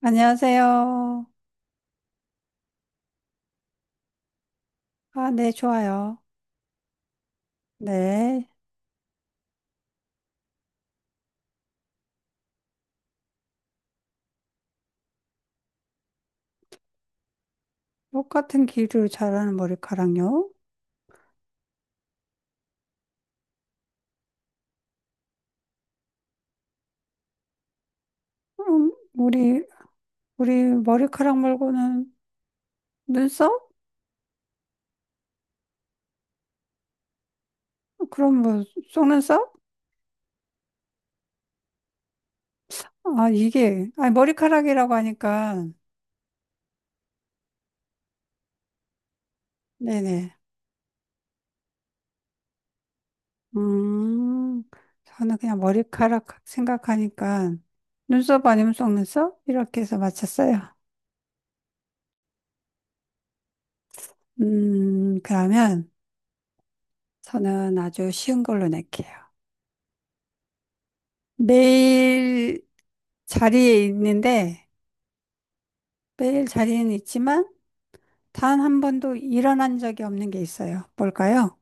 안녕하세요. 아, 네, 좋아요. 네. 똑같은 길이로 자라는 머리카락요? 음, 우리, 우리 머리카락 말고는 눈썹? 그럼 뭐, 속눈썹? 아, 이게, 아니, 머리카락이라고 하니까, 네네. 음, 저는 그냥 머리카락 생각하니까, 눈썹 아니면 속눈썹? 이렇게 해서 맞췄어요. 그러면 저는 아주 쉬운 걸로 낼게요. 매일 자리에 있는데, 매일 자리에는 있지만, 단 한 번도 일어난 적이 없는 게 있어요. 뭘까요?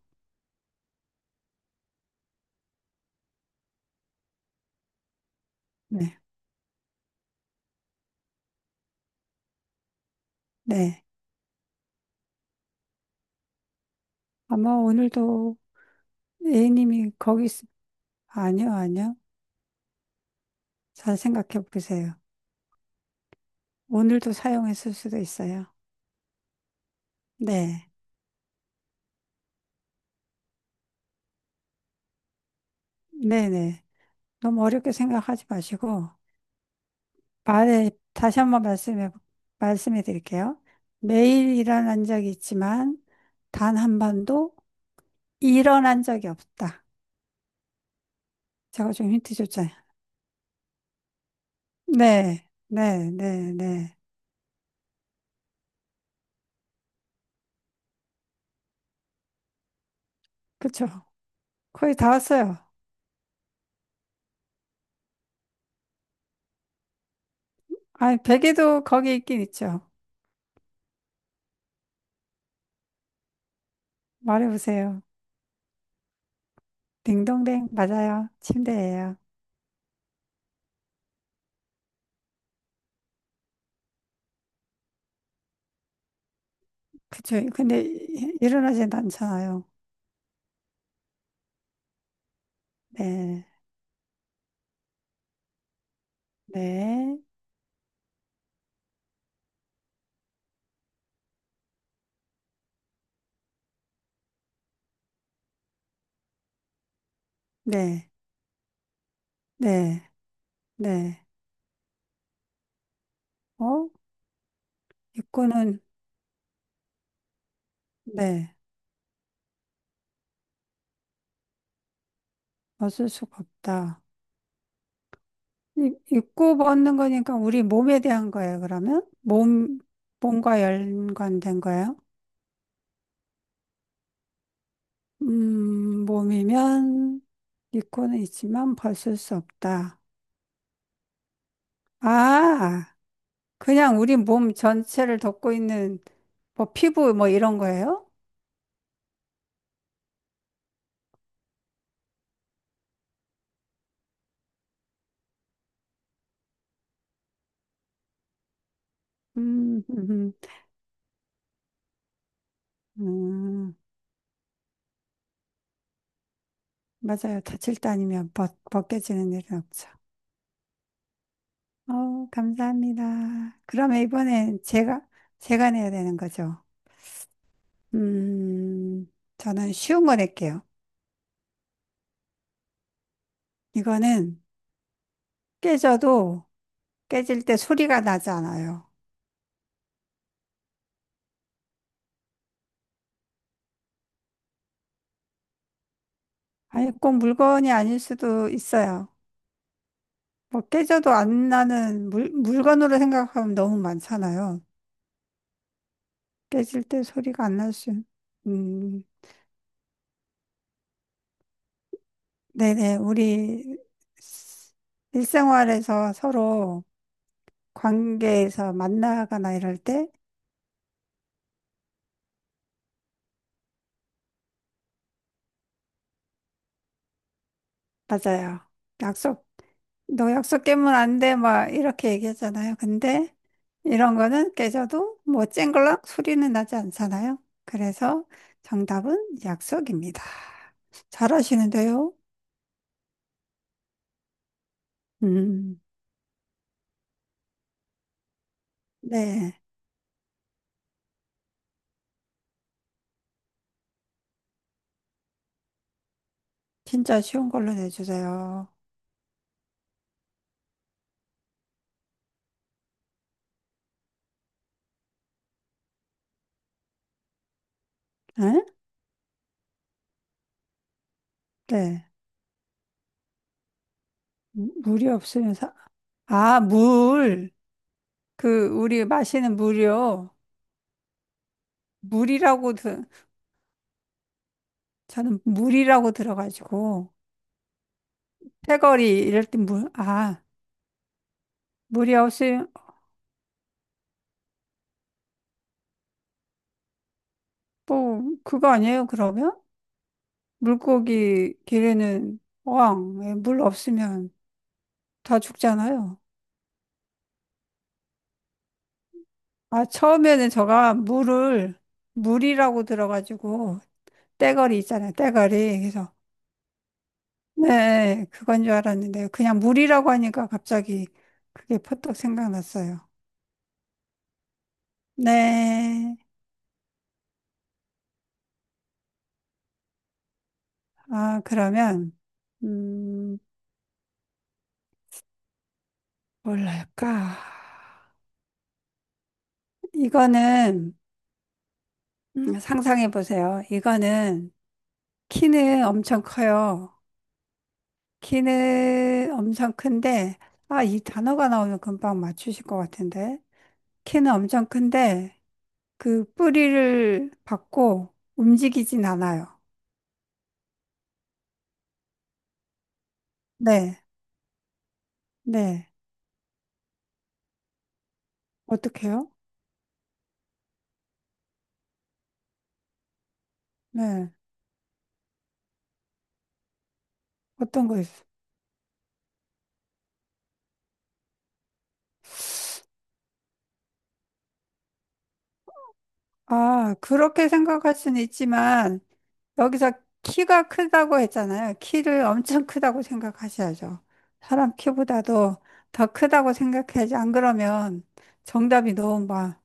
네. 네. 아마 오늘도 A님이 거기 있. 아니요, 아니요. 잘 생각해 보세요. 오늘도 사용했을 수도 있어요. 네. 네네. 너무 어렵게 생각하지 마시고, 말에, 다시 한번 말씀해 드릴게요. 매일 일어난 적이 있지만, 단 한 번도 일어난 적이 없다. 제가 지금 힌트 줬잖아요. 네, 네, 네, 네. 그쵸. 거의 다 왔어요. 아니, 베개도 거기 있긴 있죠. 말해보세요. 딩동댕, 맞아요. 침대예요. 그쵸. 근데 일어나진 않잖아요. 네, 네, 네, 네, 네. 어? 입고는, 네, 벗을 수가 없다. 입고 벗는 거니까 우리 몸에 대한 거예요, 그러면? 몸과 연관된 거예요? 몸이면 있고는 있지만 벗을 수 없다. 아, 그냥 우리 몸 전체를 덮고 있는 뭐 피부 뭐 이런 거예요? 음, 음, 음, 음, 맞아요. 다칠 때 아니면 벗겨지는 일은 없죠. 어, 감사합니다. 그러면 이번엔 제가, 내야 되는 거죠. 음, 저는 쉬운 거 낼게요. 이거는 깨져도 깨질 때 소리가 나지 않아요. 아니, 꼭 물건이 아닐 수도 있어요. 뭐 깨져도 안 나는 물건으로 생각하면 너무 많잖아요. 깨질 때 소리가 안 날 수. 음, 네네. 우리 스- 일생활에서 서로 관계에서 만나거나 이럴 때, 맞아요. 약속. 너 약속 깨면 안 돼, 막 이렇게 얘기하잖아요. 근데 이런 거는 깨져도 뭐 쨍글락 소리는 나지 않잖아요. 그래서 정답은 약속입니다. 잘하시는데요? 음, 네. 진짜 쉬운 걸로 내주세요. 응? 네. 물이 없으면 아, 물. 그, 우리 마시는 물이요. 물이라고, 들 저는 물이라고 들어가지고, 패거리 이럴 때 물, 아, 물이 없으면 뭐, 그거 아니에요, 그러면? 물고기 기르는 어항, 예, 물 없으면 다 죽잖아요. 아, 처음에는 저가 물을, 물이라고 들어가지고, 떼거리 있잖아요, 떼거리. 그래서, 네, 그건 줄 알았는데, 그냥 물이라고 하니까 갑자기 그게 퍼뜩 생각났어요. 네, 아, 그러면, 음, 뭘할까? 이거는, 상상해 보세요. 이거는, 키는 엄청 커요. 키는 엄청 큰데, 아, 이 단어가 나오면 금방 맞추실 것 같은데. 키는 엄청 큰데, 그 뿌리를 받고 움직이진 않아요. 네, 네. 어떡해요? 네. 어떤 거 있어요? 아, 그렇게 생각할 수는 있지만, 여기서 키가 크다고 했잖아요. 키를 엄청 크다고 생각하셔야죠. 사람 키보다도 더 크다고 생각해야지. 안 그러면 정답이 너무 많.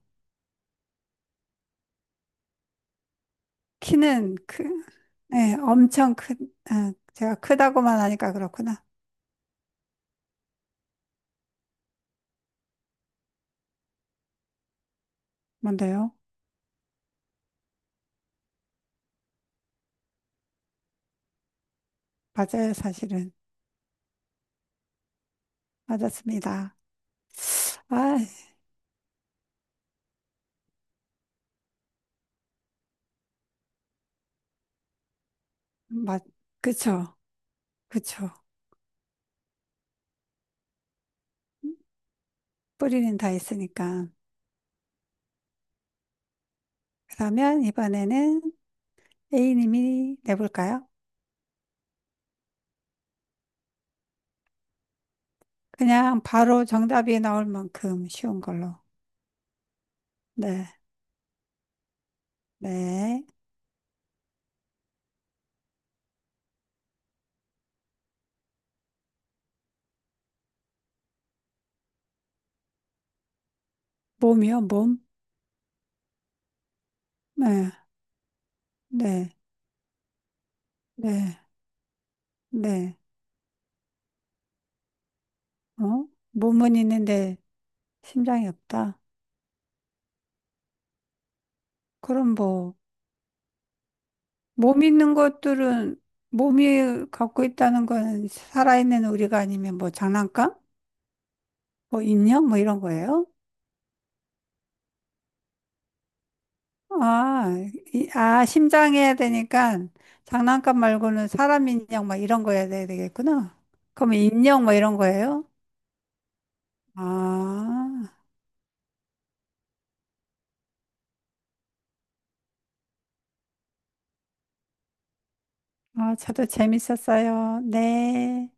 키는 크, 네, 엄청 큰, 아, 제가 크다고만 하니까 그렇구나. 뭔데요? 맞아요, 사실은. 맞았습니다. 아, 맞, 그쵸, 그쵸. 뿌리는 다 있으니까. 그러면 이번에는 A님이 내볼까요? 그냥 바로 정답이 나올 만큼 쉬운 걸로. 네, 네. 몸이요, 몸? 네, 네, 네, 네. 어? 몸은 있는데 심장이 없다? 그럼 뭐, 몸 있는 것들은 몸이 갖고 있다는 건 살아있는 우리가 아니면 뭐 장난감? 뭐 인형? 뭐 이런 거예요? 아, 아, 심장 해야 되니까 장난감 말고는 사람 인형 막 이런 거 해야 되겠구나. 그러면 인형 뭐 이런 거예요? 아, 아, 저도 재밌었어요. 네.